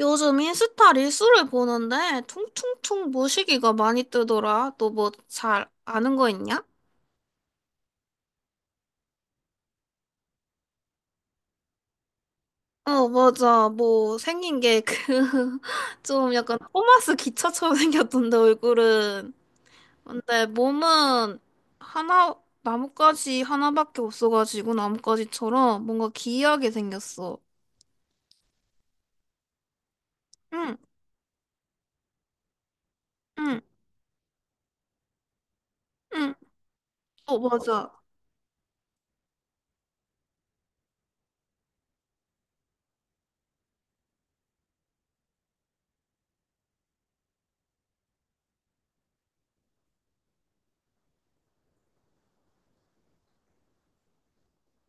요즘 인스타 릴스를 보는데 퉁퉁퉁 모시기가 많이 뜨더라. 너 뭐 잘 아는 거 있냐? 어, 맞아. 뭐 생긴 게 그 좀 약간 토마스 기차처럼 생겼던데 얼굴은. 근데 몸은 하나 나뭇가지 하나밖에 없어가지고 나뭇가지처럼 뭔가 기이하게 생겼어. 응, 응, 응. 어, 맞아.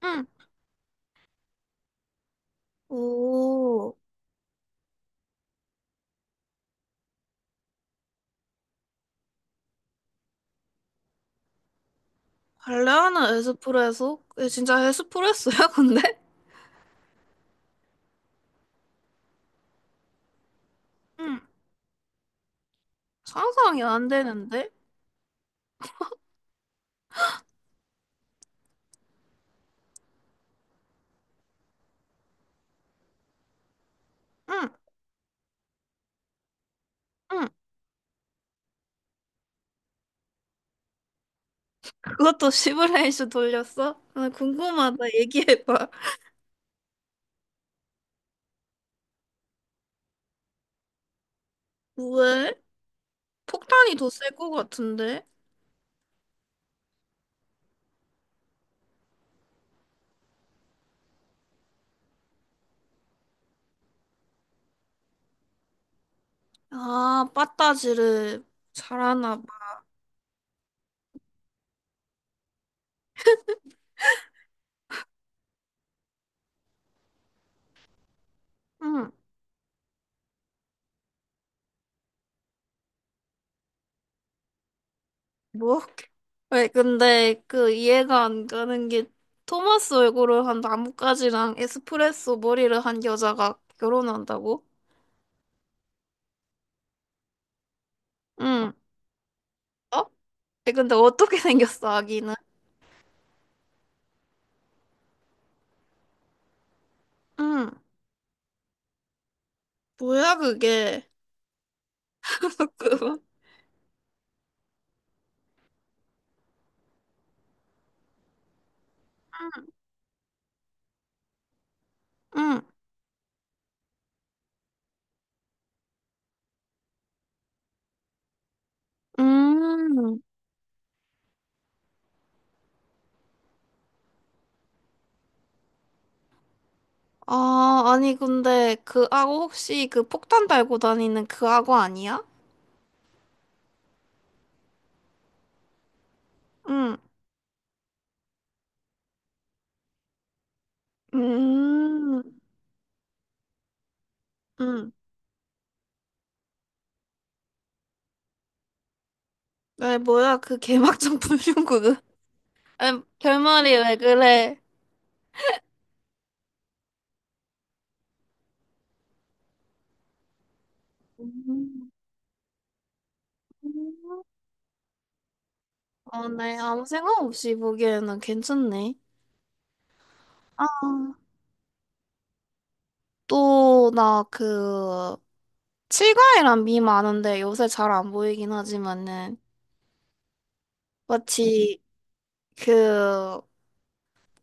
응. 오, 발레하는 에스프레소? 얘 진짜 에스프레소야, 근데? 응. 상상이 안 되는데? 응, 응. 그것도 시뮬레이션 돌렸어? 나 궁금하다. 얘기해봐. 왜? 폭탄이 더 셀 것 같은데? 아, 빠따지를 잘하나 봐. 응, 뭐? 왜, 근데 그 이해가 안 가는 게 토마스 얼굴을 한 나뭇가지랑 에스프레소 머리를 한 여자가 결혼한다고? 응. 어? 에, 근데 어떻게 생겼어, 아기는? 응. 뭐야, 그게? 그, 응. 음, 아, 아니, 근데 그 악어 혹시 그 폭탄 달고 다니는 그 악어 아니야? 응, 음, 응. 왜, 뭐야, 그 개막장 불륜구그. 아, 결말이 왜 그래? 음. 어, 네, 아무 생각 없이 보기에는 괜찮네. 아, 또, 나 칠과이란 밈 아는데 요새 잘 안 보이긴 하지만은, 마치 그,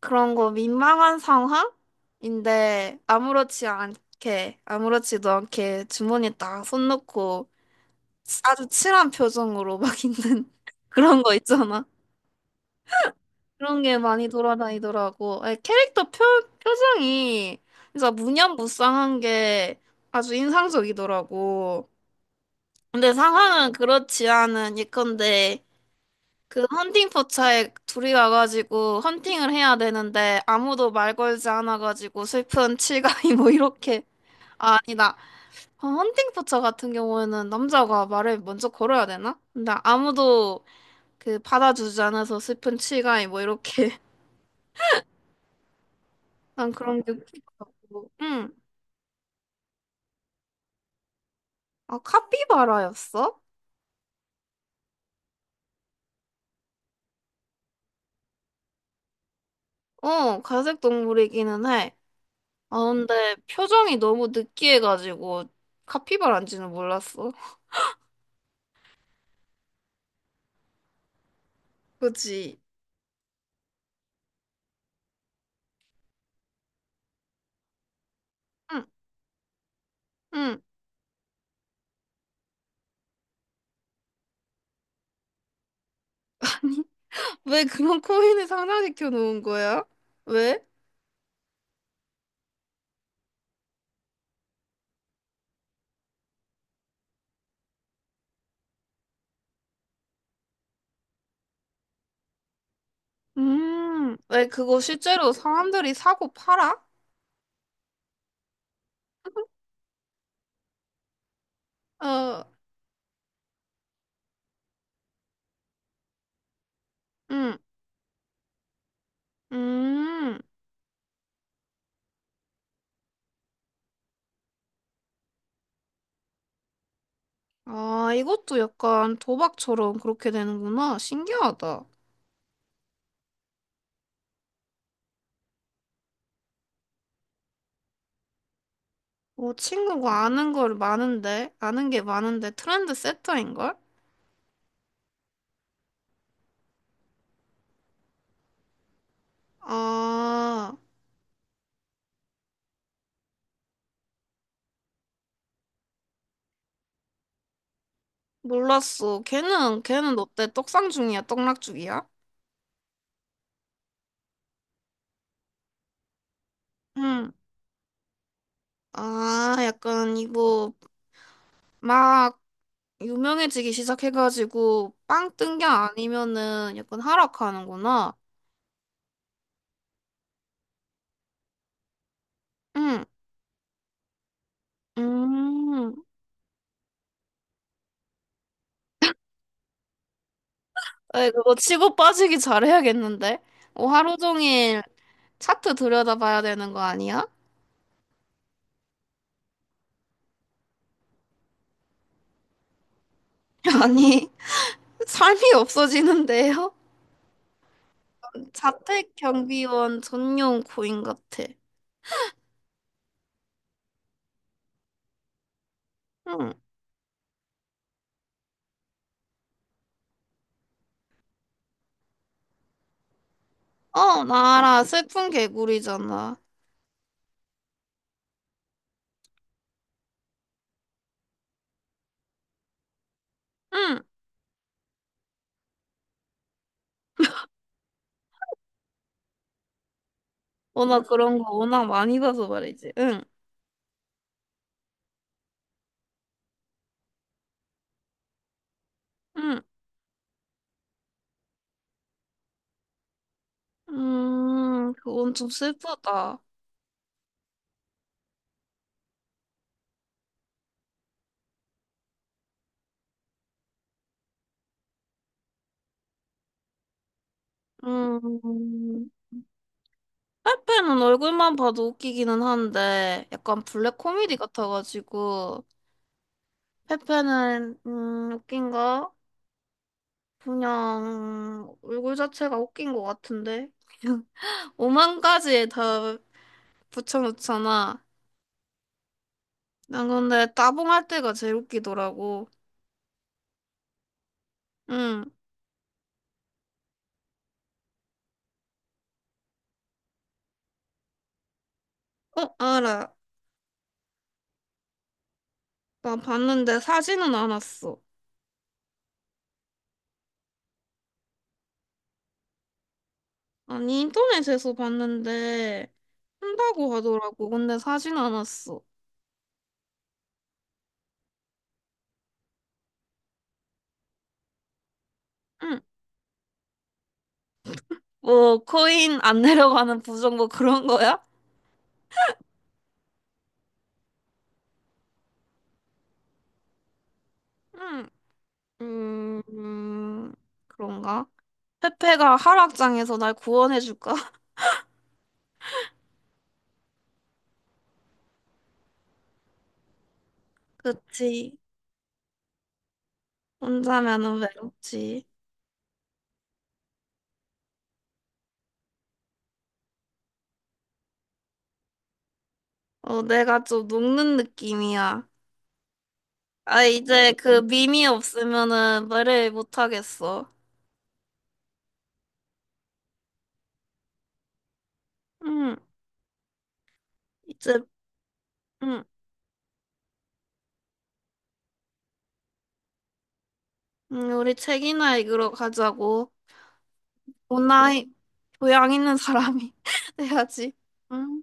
그런 거 민망한 상황인데 아무렇지도 않게 주머니 에 딱 손 넣고 아주 칠한 표정으로 막 있는 그런 거 있잖아. 그런 게 많이 돌아다니더라고. 아니, 캐릭터 표정이 진짜 무념무상한 게 아주 인상적이더라고. 근데 상황은 그렇지 않은 예컨대 그 헌팅 포차에 둘이 와가지고 헌팅을 해야 되는데 아무도 말 걸지 않아가지고 슬픈 칠가이 뭐 이렇게 아, 아니다. 어, 헌팅 포차 같은 경우에는 남자가 말을 먼저 걸어야 되나? 근데 아무도 그 받아주지 않아서 슬픈 칠가이 뭐 이렇게 난 그런 게 웃긴 것 같고 응아. 카피바라였어? 어, 갈색 동물이기는 해. 아, 근데 표정이 너무 느끼해가지고 카피바라인지는 몰랐어. 그치? 응. 응. 왜 그런 코인을 상장시켜 놓은 거야? 왜? 왜 그거 실제로 사람들이 사고 팔아? 어, 음, 음. 아, 이것도 약간 도박처럼 그렇게 되는구나. 신기하다. 뭐 친구가 아는 게 많은데 트렌드 세터인걸? 아, 몰랐어. 걔는 어때? 떡상 중이야? 떡락 중이야? 응. 아, 약간 이거 막 유명해지기 시작해가지고 빵 뜬 게 아니면은 약간 하락하는구나. 응, 음. 에, 그거 치고 빠지기 잘해야겠는데? 어, 하루 종일 차트 들여다봐야 되는 거 아니야? 아니, 삶이 없어지는데요? 자택 경비원 전용 고인 같아. 응. 어, 나 알아. 슬픈 개구리잖아. 응. 어, 나 그런 거 워낙 많이 봐서 말이지. 응. 응. 그건 좀 슬프다. 음, 페페는 얼굴만 봐도 웃기기는 한데, 약간 블랙 코미디 같아가지고, 페페는, 웃긴가? 그냥, 얼굴 자체가 웃긴 것 같은데? 오만 가지에 다 붙여놓잖아. 난 근데 따봉할 때가 제일 웃기더라고. 응. 어, 알아. 나 봤는데 사진은 안 왔어. 아니, 인터넷에서 봤는데, 한다고 하더라고. 근데 사진 안 왔어. 응. 뭐 코인 안 내려가는 부정 뭐 그런 거야? 음, 음, 음, 그런가? 페페가 하락장에서 날 구원해줄까? 그치. 혼자면은 외롭지. 어, 내가 좀 녹는 느낌이야. 아, 이제 그 밈이 없으면은 말을 못하겠어. 응, 이제, 응, 응, 우리 책이나 읽으러 가자고. 오나이, 교양 있는 사람이 돼야지. 응.